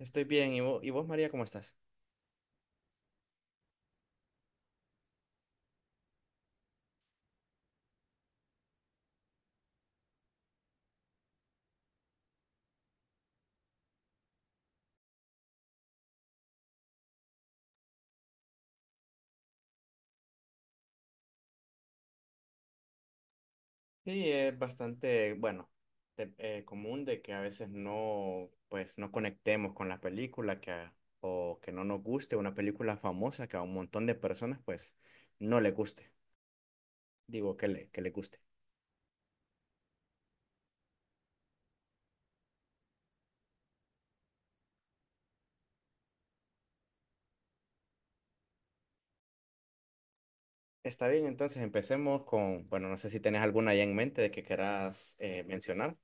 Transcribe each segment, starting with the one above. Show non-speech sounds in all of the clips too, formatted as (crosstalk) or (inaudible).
Estoy bien. ¿Y vos, María, cómo estás? Sí, es bastante, bueno, común de que a veces no, pues, no conectemos con la película que o que no nos guste una película famosa que a un montón de personas, pues, no le guste. Digo, que le guste. Está bien, entonces empecemos con, bueno, no sé si tenés alguna ya en mente de que querás mencionar.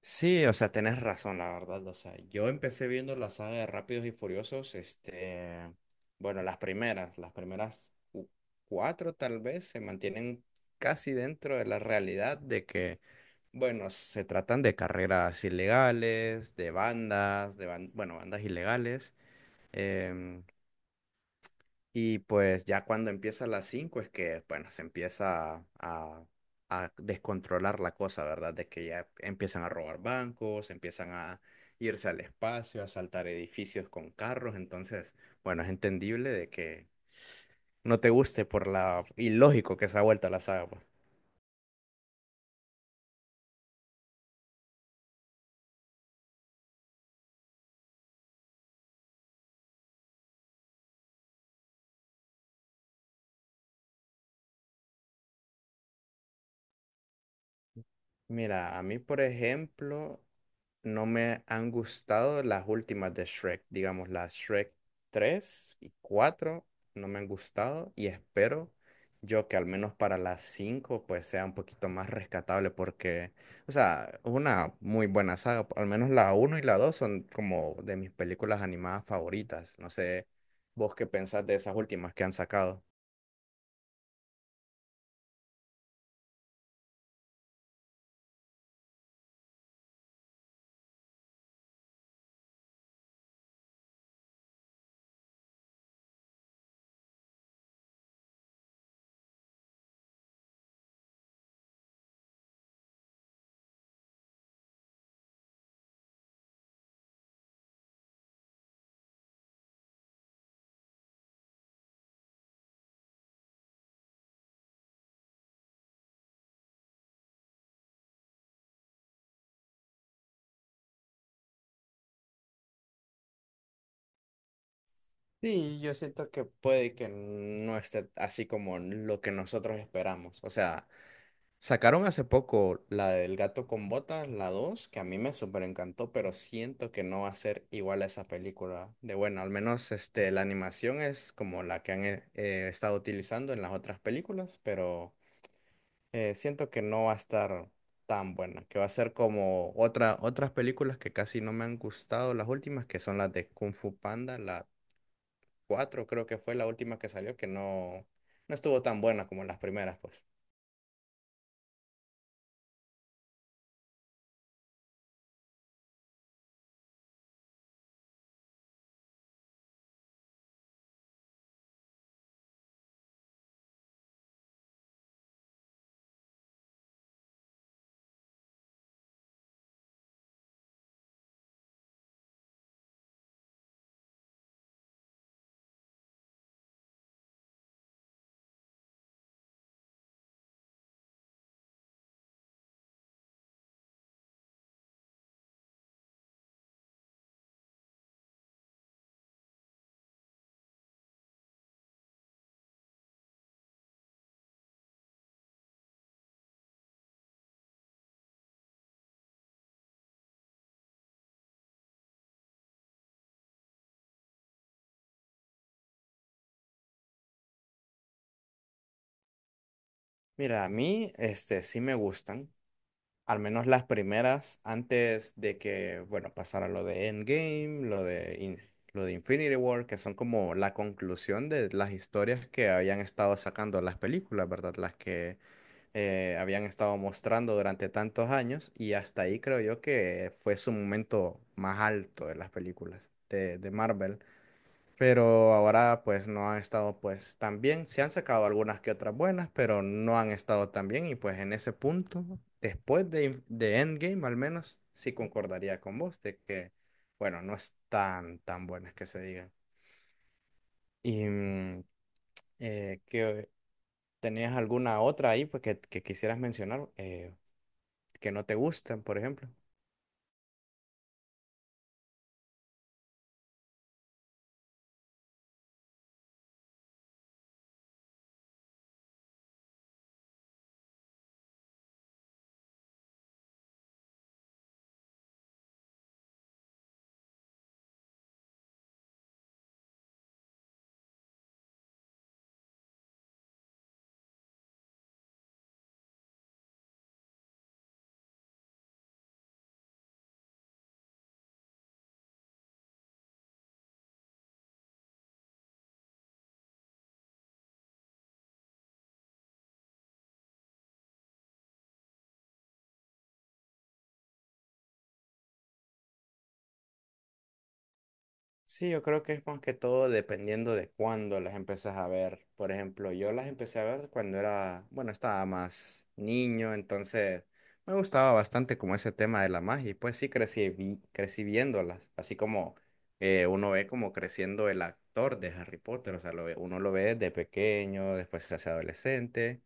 Sí, o sea, tenés razón, la verdad. O sea, yo empecé viendo la saga de Rápidos y Furiosos, este, bueno, las primeras cuatro tal vez se mantienen casi dentro de la realidad de que, bueno, se tratan de carreras ilegales, de bandas, bueno, bandas ilegales. em, y pues ya cuando empieza a las 5 es que, bueno, a descontrolar la cosa, ¿verdad? De que ya empiezan a robar bancos, empiezan a irse al espacio, a asaltar edificios con carros. Entonces, bueno, es entendible de que no te guste por la ilógico que se ha vuelto la saga, pues. Mira, a mí, por ejemplo, no me han gustado las últimas de Shrek, digamos, las Shrek 3 y 4, no me han gustado y espero yo que al menos para las 5 pues sea un poquito más rescatable porque, o sea, es una muy buena saga, al menos la uno y la 2 son como de mis películas animadas favoritas, no sé vos qué pensás de esas últimas que han sacado. Sí, yo siento que puede que no esté así como lo que nosotros esperamos. O sea, sacaron hace poco la del gato con botas, la 2 que a mí me súper encantó, pero siento que no va a ser igual a esa película. De bueno, al menos este, la animación es como la que han estado utilizando en las otras películas, pero siento que no va a estar tan buena, que va a ser como otras películas que casi no me han gustado, las últimas, que son las de Kung Fu Panda, la 4 creo que fue la última que salió, que no, no estuvo tan buena como las primeras, pues. Mira, a mí este, sí me gustan, al menos las primeras, antes de que, bueno, pasara lo de Endgame, lo de Infinity War, que son como la conclusión de las historias que habían estado sacando las películas, ¿verdad? Las que habían estado mostrando durante tantos años, y hasta ahí creo yo que fue su momento más alto de las películas de Marvel. Pero ahora pues no han estado pues tan bien. Se han sacado algunas que otras buenas, pero no han estado tan bien y pues en ese punto, después de Endgame al menos, sí concordaría con vos de que, bueno, no están tan buenas que se digan. Y que tenías alguna otra ahí pues, que quisieras mencionar que no te gustan, por ejemplo. Sí, yo creo que es más que todo dependiendo de cuándo las empiezas a ver. Por ejemplo, yo las empecé a ver cuando era, bueno, estaba más niño, entonces me gustaba bastante como ese tema de la magia y pues sí crecí, crecí viéndolas, así como uno ve como creciendo el actor de Harry Potter, o sea, uno lo ve de pequeño, después se hace adolescente,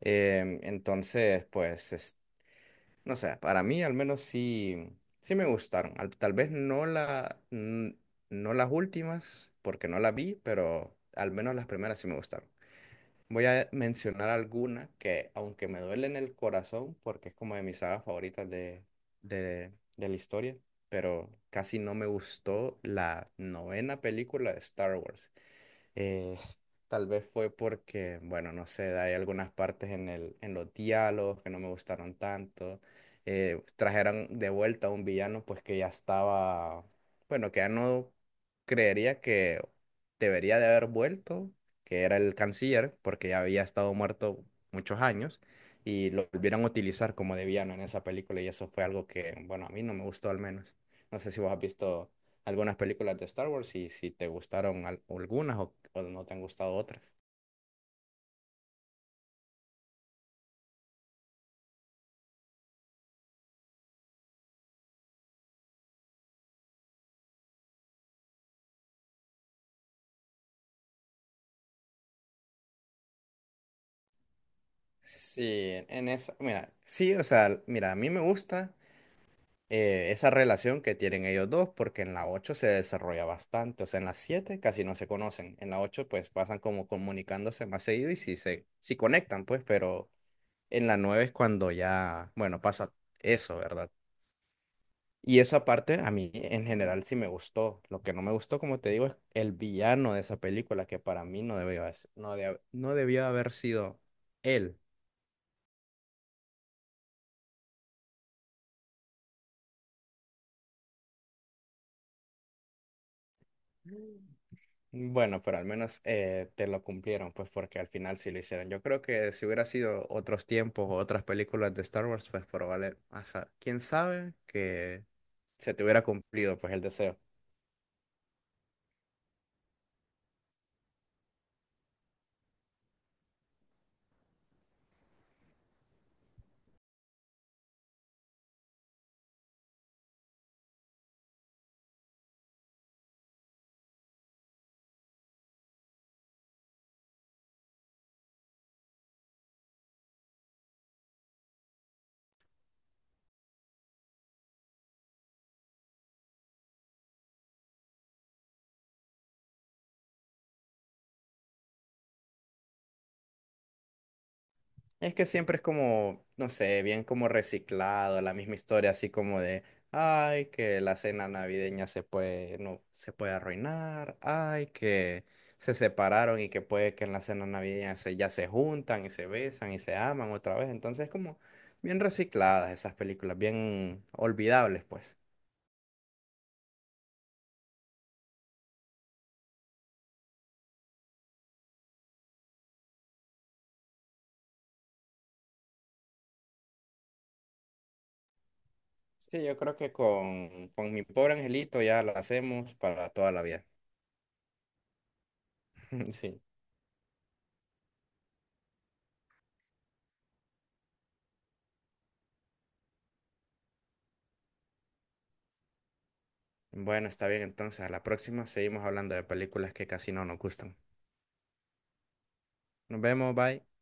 entonces pues no sé, para mí al menos sí, sí me gustaron. Tal vez no no las últimas, porque no las vi, pero al menos las primeras sí me gustaron. Voy a mencionar alguna que, aunque me duele en el corazón, porque es como de mis sagas favoritas de la historia, pero casi no me gustó la novena película de Star Wars. Eh, Tal vez fue porque, bueno, no sé, hay algunas partes en los diálogos que no me gustaron tanto. Trajeron de vuelta a un villano, pues que ya estaba, bueno, que ya no creería que debería de haber vuelto, que era el canciller, porque ya había estado muerto muchos años y lo volvieron a utilizar como de villano en esa película y eso fue algo que, bueno, a mí no me gustó al menos. No sé si vos has visto algunas películas de Star Wars y si te gustaron algunas o no te han gustado otras. Sí, en esa, mira, sí, o sea, mira, a mí me gusta esa relación que tienen ellos dos porque en la 8 se desarrolla bastante, o sea, en la 7 casi no se conocen, en la 8 pues pasan como comunicándose más seguido y sí conectan, pues, pero en la 9 es cuando ya, bueno, pasa eso, ¿verdad? Y esa parte a mí en general sí me gustó. Lo que no me gustó, como te digo, es el villano de esa película, que para mí no debió haber sido él. Bueno, pero al menos te lo cumplieron, pues porque al final sí lo hicieron. Yo creo que si hubiera sido otros tiempos o otras películas de Star Wars, pues probable, hasta, quién sabe que se te hubiera cumplido pues el deseo. Es que siempre es como, no sé, bien como reciclado, la misma historia, así como de, ay, que la cena navideña se puede, no, se puede arruinar, ay, que se separaron y que puede que en la cena navideña se, ya se juntan y se besan y se aman otra vez. Entonces es como bien recicladas esas películas, bien olvidables, pues. Sí, yo creo que con mi pobre angelito ya la hacemos para toda la vida. (laughs) Sí. Bueno, está bien, entonces a la próxima seguimos hablando de películas que casi no nos gustan. Nos vemos, bye.